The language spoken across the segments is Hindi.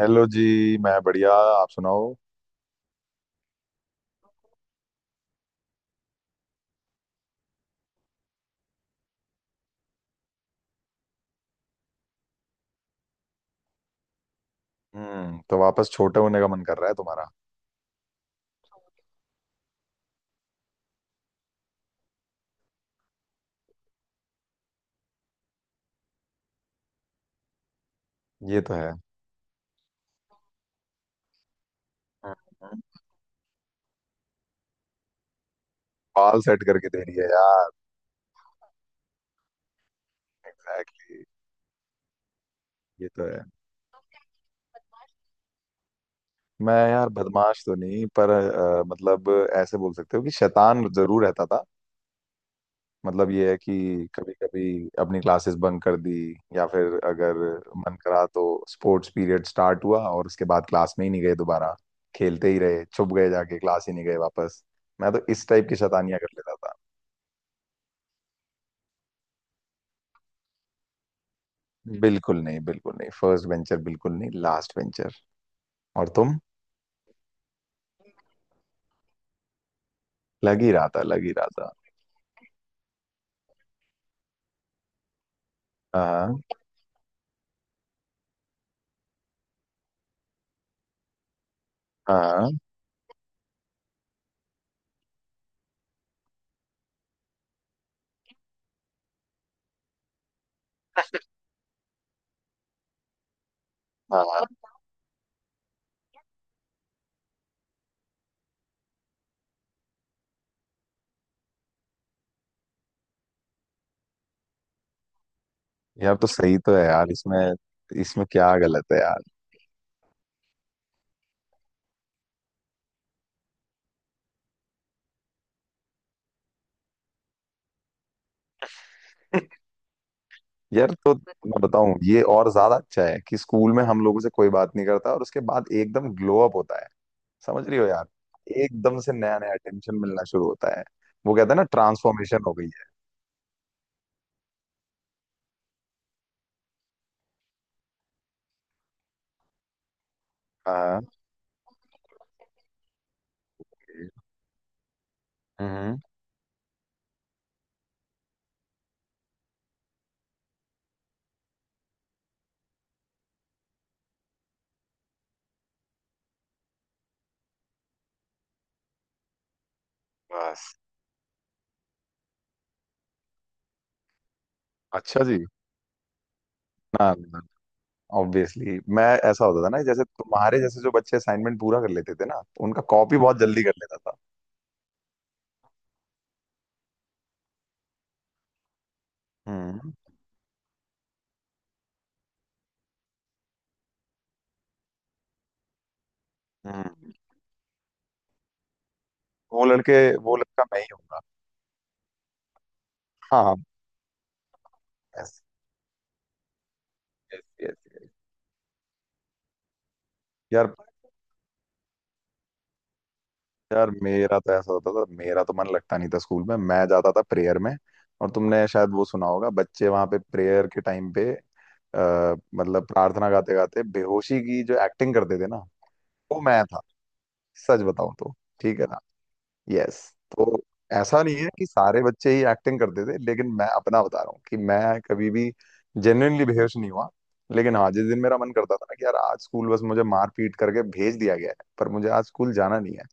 हेलो जी। मैं बढ़िया, आप सुनाओ। तो वापस छोटे होने का मन कर रहा है तुम्हारा। ये तो है। हम्म। बाल सेट करके दे रही है यार। एग्जैक्टली। ये तो है। मैं यार बदमाश तो नहीं, पर मतलब ऐसे बोल सकते हो कि शैतान जरूर रहता था। मतलब ये है कि कभी कभी अपनी क्लासेस बंक कर दी, या फिर अगर मन करा तो स्पोर्ट्स पीरियड स्टार्ट हुआ और उसके बाद क्लास में ही नहीं गए दोबारा। खेलते ही रहे, छुप गए जाके, क्लास ही नहीं गए वापस। मैं तो इस टाइप की शैतानियां कर लेता था। बिल्कुल नहीं, बिल्कुल नहीं, फर्स्ट वेंचर बिल्कुल नहीं, लास्ट वेंचर। और तुम? लग ही रहा था, लग ही रहा था। हाँ, हाँ, हाँ। यार तो सही तो है यार, इसमें इसमें क्या गलत है यार। यार तो मैं बताऊं, ये और ज्यादा अच्छा है कि स्कूल में हम लोगों से कोई बात नहीं करता और उसके बाद एकदम ग्लो अप होता है। समझ रही हो यार? एकदम से नया नया अटेंशन मिलना शुरू होता है। वो कहते हैं ना, ट्रांसफॉर्मेशन हो गई है। हाँ। हम्म। बस। अच्छा जी। ना, ना। ऑब्वियसली। मैं, ऐसा होता था ना, जैसे तुम्हारे जैसे जो बच्चे असाइनमेंट पूरा कर लेते थे ना, उनका कॉपी बहुत जल्दी कर लेता था। हम्म, हम्म। वो लड़के वो लड़का मैं ही हूँगा। हाँ, हाँ। Yes, yes, yes, yes. यार। यार मेरा तो ऐसा होता था, मेरा तो मन लगता नहीं था स्कूल में। मैं जाता था प्रेयर में, और तुमने शायद वो सुना होगा, बच्चे वहां पे प्रेयर के टाइम पे मतलब प्रार्थना गाते गाते बेहोशी की जो एक्टिंग करते थे ना, वो मैं था। सच बताऊं तो। ठीक है। यस। तो ऐसा नहीं है कि सारे बच्चे ही एक्टिंग करते थे, लेकिन मैं अपना बता रहा हूँ कि मैं कभी भी जेन्युइनली बेहोश नहीं हुआ। लेकिन हाँ, जिस दिन मेरा मन करता था ना कि यार आज स्कूल, बस मुझे मार पीट करके भेज दिया गया है पर मुझे आज स्कूल जाना नहीं है,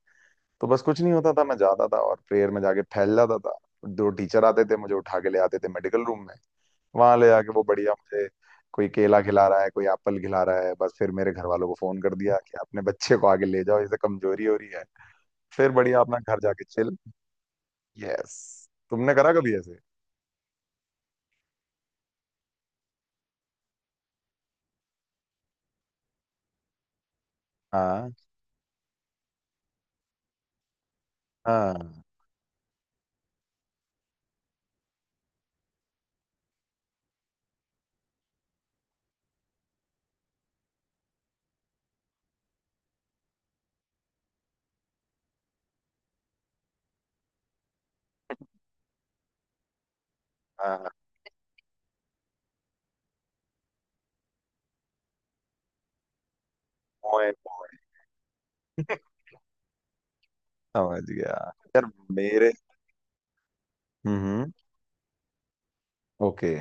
तो बस कुछ नहीं होता था, मैं जाता था और प्रेयर में जाके फैल जाता था। दो टीचर आते थे, मुझे उठा के ले आते थे मेडिकल रूम में। वहां ले जाके वो बढ़िया, मुझे कोई केला खिला रहा है, कोई एप्पल खिला रहा है, बस फिर मेरे घर वालों को फोन कर दिया कि अपने बच्चे को आगे ले जाओ, इसे कमजोरी हो रही है। फिर बढ़िया अपना घर जाके चिल। यस। तुमने करा कभी ऐसे? हाँ, हाँ, हाँ। ओए, ओए। समझ गया। यार, मेरे। हम्म। ओके।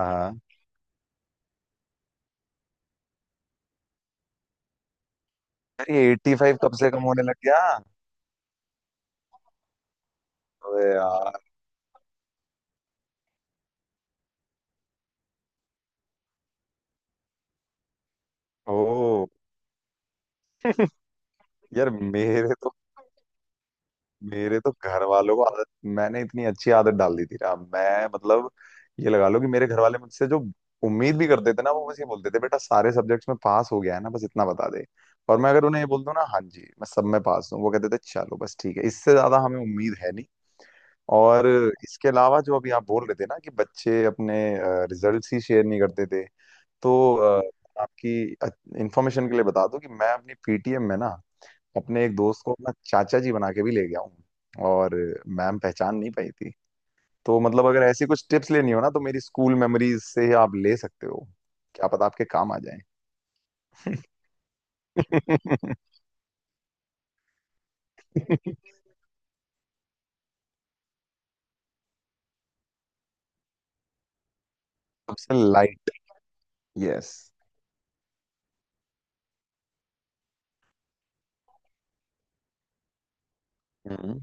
हाँ यार, ये 85 कब से कम होने लग गया? अबे यार। ओ। यार मेरे मेरे तो घर वालों को आदत, मैंने इतनी अच्छी आदत डाल दी थी ना। मैं मतलब, ये लगा लो कि मेरे घर वाले मुझसे जो उम्मीद भी करते थे ना, वो बस ये बोलते थे, बेटा सारे सब्जेक्ट्स में पास हो गया है ना, बस इतना बता दे। और मैं अगर उन्हें ये बोल दूं ना, हाँ जी मैं सब में पास हूँ, वो कहते थे, चलो बस ठीक है, इससे ज्यादा हमें उम्मीद है नहीं। और इसके अलावा जो अभी आप बोल रहे थे ना कि बच्चे अपने रिजल्ट्स ही शेयर नहीं करते थे, तो आपकी इंफॉर्मेशन के लिए बता दूं कि मैं अपनी पीटीएम में ना, अपने एक दोस्त को अपना चाचा जी बना के भी ले गया हूँ, और मैम पहचान नहीं पाई थी। तो मतलब अगर ऐसी कुछ टिप्स लेनी हो ना, तो मेरी स्कूल मेमोरीज से आप ले सकते हो, क्या पता आपके काम आ जाए। सबसे लाइट। यस। हम्म।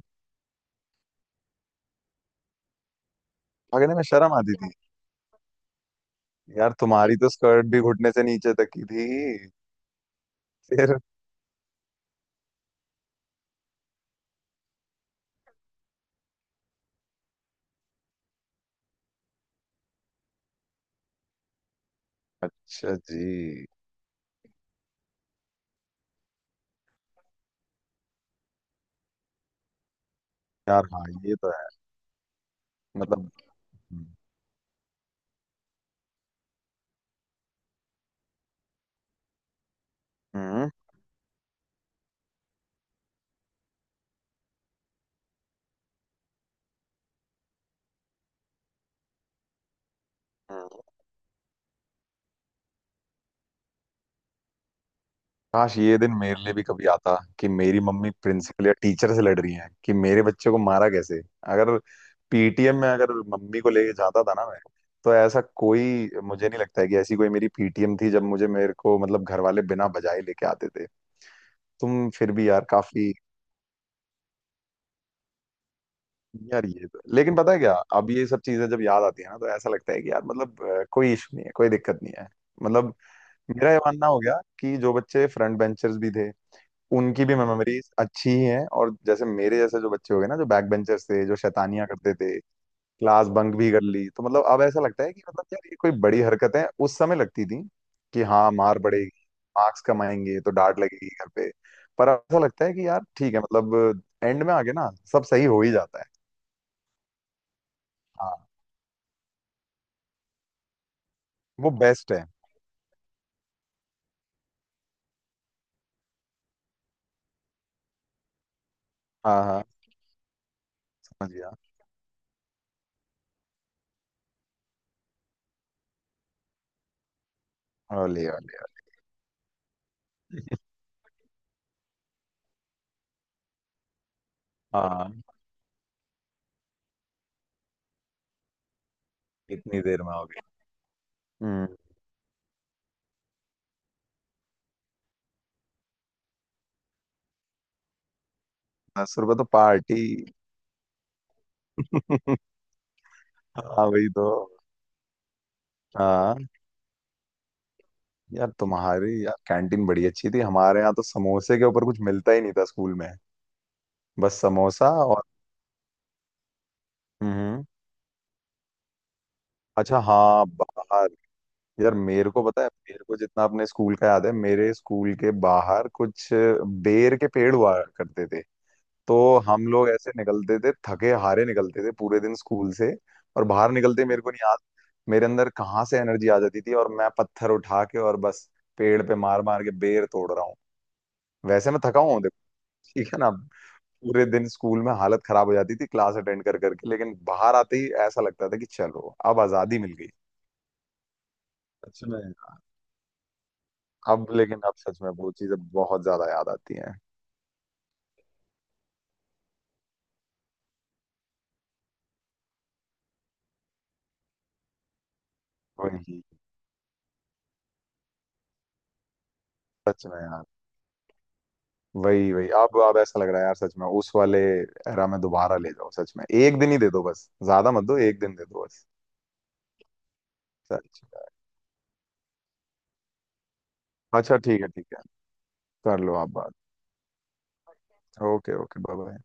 भागने में शर्म आती थी? यार, तुम्हारी तो स्कर्ट भी घुटने से नीचे तक की थी। फिर। अच्छा जी। यार हाँ, ये तो है। मतलब। हम्म, हम्म। काश ये दिन मेरे लिए भी कभी आता कि मेरी मम्मी प्रिंसिपल या टीचर से लड़ रही है कि मेरे बच्चे को मारा कैसे। अगर पीटीएम में अगर मम्मी को लेके जाता था ना मैं, तो ऐसा कोई मुझे नहीं लगता है कि ऐसी कोई मेरी पीटीएम थी जब मुझे, मेरे को मतलब, घर वाले बिना बजाए लेके आते थे। तुम फिर भी यार काफी। यार ये तो, लेकिन पता है क्या, अब ये सब चीजें जब याद आती है ना, तो ऐसा लगता है कि यार मतलब कोई इशू नहीं है, कोई दिक्कत नहीं है। मतलब, मेरा ये मानना हो गया कि जो बच्चे फ्रंट बेंचर्स भी थे, उनकी भी मेमोरीज अच्छी ही हैं, और जैसे मेरे जैसे जो बच्चे हो गए ना, जो बैक बेंचर्स थे, जो शैतानियां करते थे, क्लास बंक भी कर ली, तो मतलब अब ऐसा लगता है कि, मतलब यार, ये कोई बड़ी हरकतें उस समय लगती थी कि हाँ मार पड़ेगी, मार्क्स कमाएंगे तो डांट लगेगी घर पे। पर अब ऐसा लगता है कि यार ठीक है, मतलब एंड में आके ना सब सही हो ही जाता है। हाँ। वो बेस्ट है। हाँ, हाँ। समझ गया। ओले ओले ओले। हाँ। इतनी देर में हो गई? हम्म। दस रुपए तो पार्टी। हाँ, वही तो। हाँ यार, तुम्हारी यार कैंटीन बड़ी अच्छी थी, हमारे यहाँ तो समोसे के ऊपर कुछ मिलता ही नहीं था स्कूल में। बस समोसा और। हम्म। अच्छा हाँ, बाहर। यार, मेरे को पता है, मेरे को जितना अपने स्कूल का याद है, मेरे स्कूल के बाहर कुछ बेर के पेड़ हुआ करते थे। तो हम लोग ऐसे निकलते थे, थके हारे निकलते थे पूरे दिन स्कूल से, और बाहर निकलते मेरे को नहीं याद मेरे अंदर कहाँ से एनर्जी आ जाती थी, और मैं पत्थर उठा के, और बस पेड़ पे मार मार के बेर तोड़ रहा हूँ। वैसे मैं थका हुआ हूँ देखो। ठीक है ना। पूरे दिन स्कूल में हालत खराब हो जाती थी क्लास अटेंड कर करके, लेकिन बाहर आते ही ऐसा लगता था कि चलो अब आजादी मिल गई। सच में यार। अब लेकिन अब सच में वो चीजें बहुत ज्यादा याद आती हैं। वही। सच में यार। वही, वही। अब ऐसा लग रहा है यार सच में, उस वाले एरा में दोबारा ले जाओ, सच में एक दिन ही दे दो बस, ज्यादा मत दो, एक दिन दे दो बस। सच में। अच्छा ठीक है, ठीक है। कर लो आप बात। Okay, okay, bye bye.